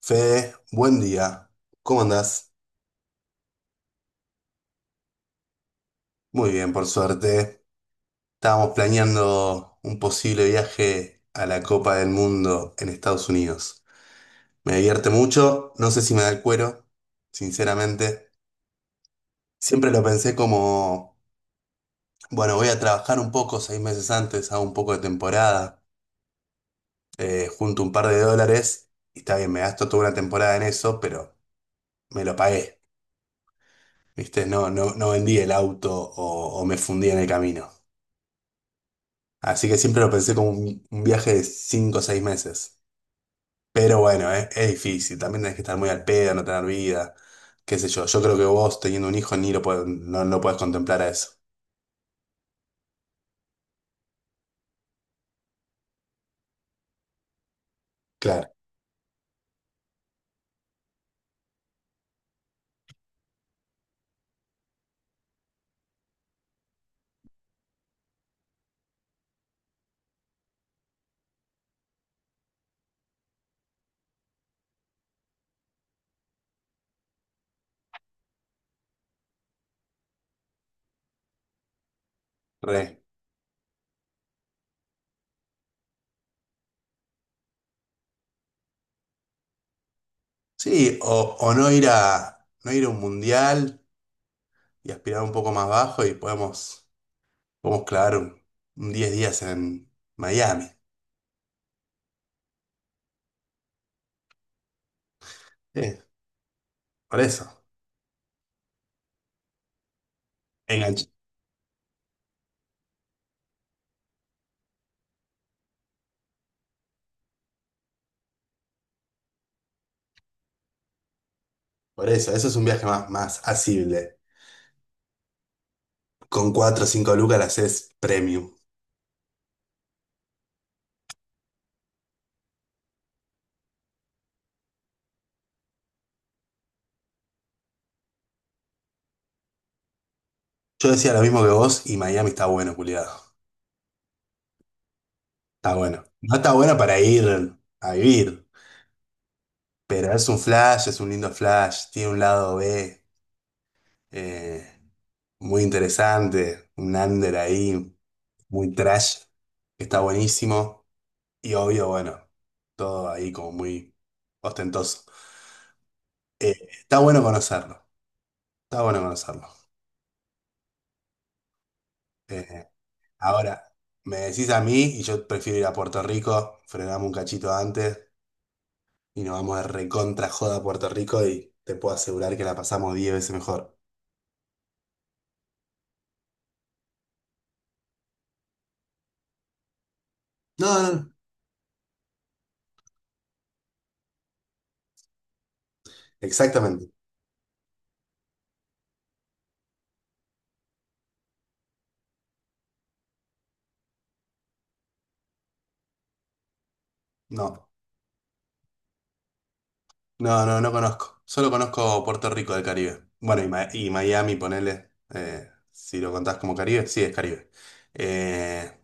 Fede, buen día. ¿Cómo andás? Muy bien, por suerte. Estábamos planeando un posible viaje a la Copa del Mundo en Estados Unidos. Me divierte mucho, no sé si me da el cuero, sinceramente. Siempre lo pensé como, bueno, voy a trabajar un poco 6 meses antes, hago un poco de temporada, junto un par de dólares, y está bien, me gasto toda una temporada en eso, pero me lo pagué. ¿Viste? No, no, no vendí el auto o me fundí en el camino. Así que siempre lo pensé como un viaje de 5 o 6 meses. Pero bueno, es difícil. También tenés que estar muy al pedo, no tener vida. Qué sé yo. Yo creo que vos teniendo un hijo ni lo puedes, no, no puedes contemplar a eso. Claro. Re. Sí, o no ir a, no ir a un mundial y aspirar un poco más bajo y podemos, podemos clavar un 10 días en Miami. Sí, por eso. Enganche. Por eso, eso es un viaje más, más asible. Con 4 o 5 lucas la haces premium. Yo decía lo mismo que vos y Miami está bueno, culiado. Está bueno. No está bueno para ir a vivir, pero es un flash, es un lindo flash. Tiene un lado B eh, muy interesante, un under ahí, muy trash, que está buenísimo. Y obvio, bueno, todo ahí como muy ostentoso. Eh, está bueno conocerlo, está bueno conocerlo. Eh, ahora, me decís a mí y yo prefiero ir a Puerto Rico, frenamos un cachito antes y nos vamos de recontra joda a Puerto Rico y te puedo asegurar que la pasamos 10 veces mejor. No, no, no, exactamente. No, no, no, no conozco. Solo conozco Puerto Rico del Caribe. Bueno, y, y Miami, ponele, si lo contás como Caribe, sí es Caribe. Eh,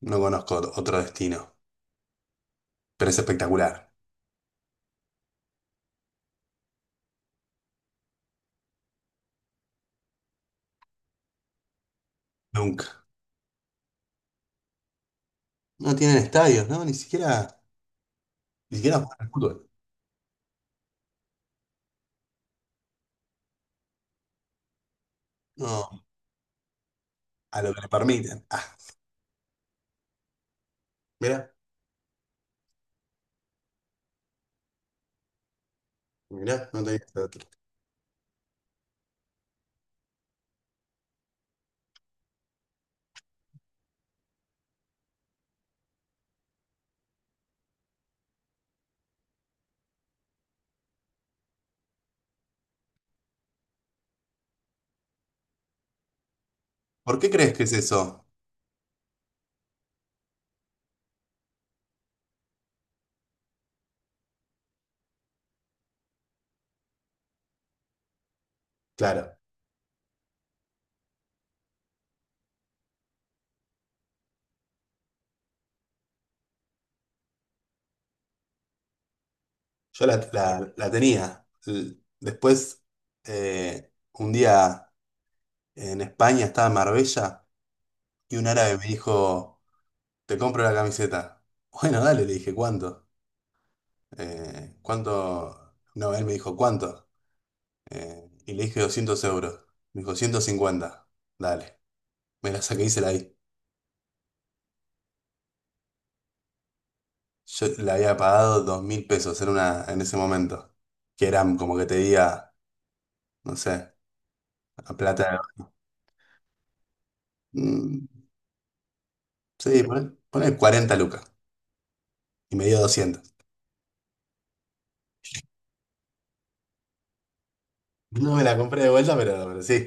no conozco otro destino, pero es espectacular. Nunca. No tienen estadios, ¿no? Ni siquiera, ni siquiera juegan al fútbol. No, a lo que le permiten. Ah, mirá, mirá, no tenía este otro. ¿Por qué crees que es eso? Claro. Yo la, la tenía. Después, un día en España estaba en Marbella y un árabe me dijo, te compro la camiseta. Bueno, dale, le dije, ¿cuánto? ¿Cuánto? No, él me dijo, ¿cuánto? Y le dije 200 euros. Me dijo, 150. Dale. Me la saqué y se la di. Yo le había pagado 2000 pesos en, una, en ese momento. Que eran como que te diga, no sé, a plata. Mm, sí, poné, poné 40 lucas. Y me dio 200. No me la compré de vuelta, pero sí.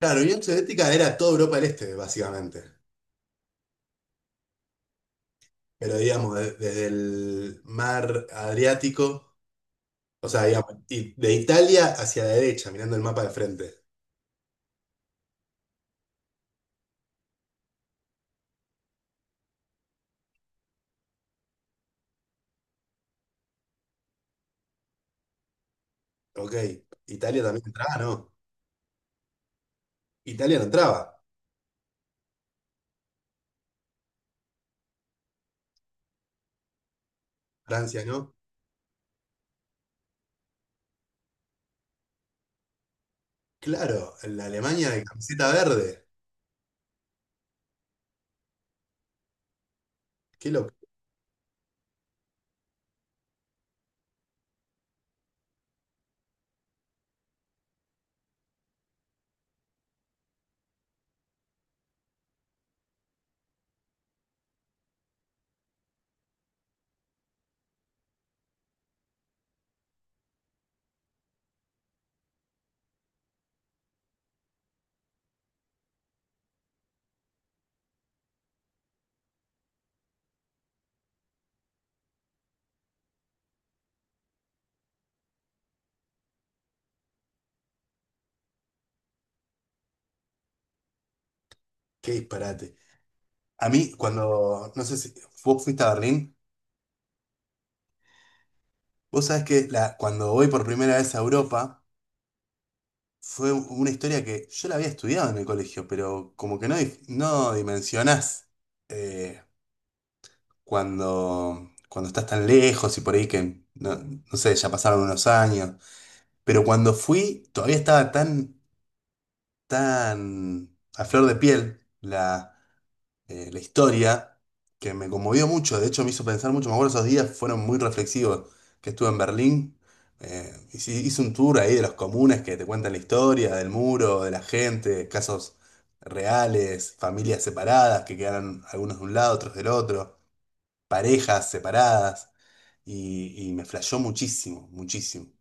Claro, Unión Soviética era toda Europa del Este, básicamente. Pero digamos, desde el mar Adriático, o sea, digamos, y de Italia hacia la derecha, mirando el mapa de frente. Ok, Italia también entraba, ¿no? Italia no entraba, Francia no. Claro, la Alemania de camiseta verde. Qué lo, qué disparate. A mí, cuando, no sé si vos fuiste a Berlín, vos sabés que la, cuando voy por primera vez a Europa, fue una historia que yo la había estudiado en el colegio, pero como que no, no dimensionás eh, cuando, cuando estás tan lejos y por ahí que, no, no sé, ya pasaron unos años. Pero cuando fui, todavía estaba tan, tan a flor de piel la, la historia, que me conmovió mucho, de hecho me hizo pensar mucho, me acuerdo esos días fueron muy reflexivos, que estuve en Berlín, hice, hice un tour ahí de los comunes que te cuentan la historia, del muro, de la gente, casos reales, familias separadas que quedaron algunos de un lado, otros del otro, parejas separadas, y me flashó muchísimo, muchísimo.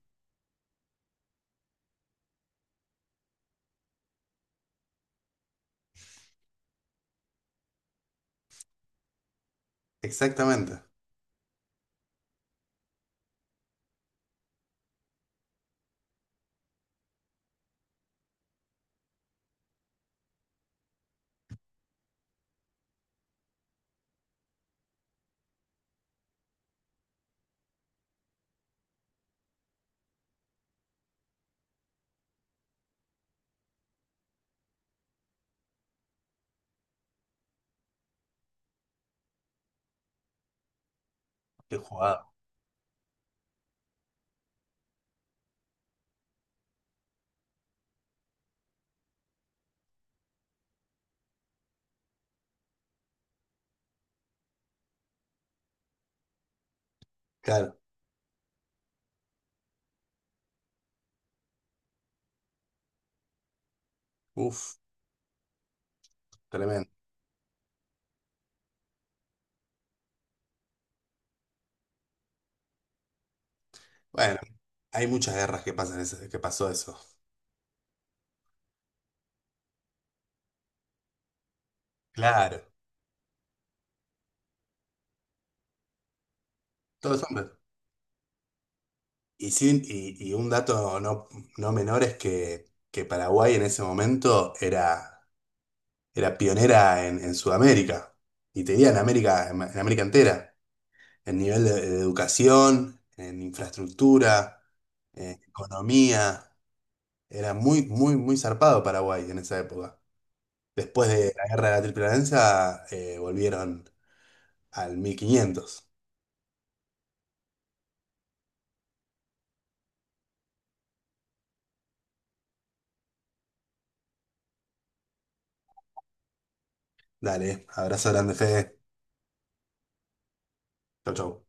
Exactamente. Qué jugado. Claro. Uf, tremendo. Bueno, hay muchas guerras que pasan, que pasó eso. Claro. Todos son. Y sí, y un dato no, no menor es que Paraguay en ese momento era, era pionera en Sudamérica y tenía en, América entera, en nivel de educación, en infraestructura, en economía. Era muy, muy, muy zarpado Paraguay en esa época. Después de la guerra de la Triple Alianza, volvieron al mil quinientos. Dale, abrazo grande, Fede. Chau, chau.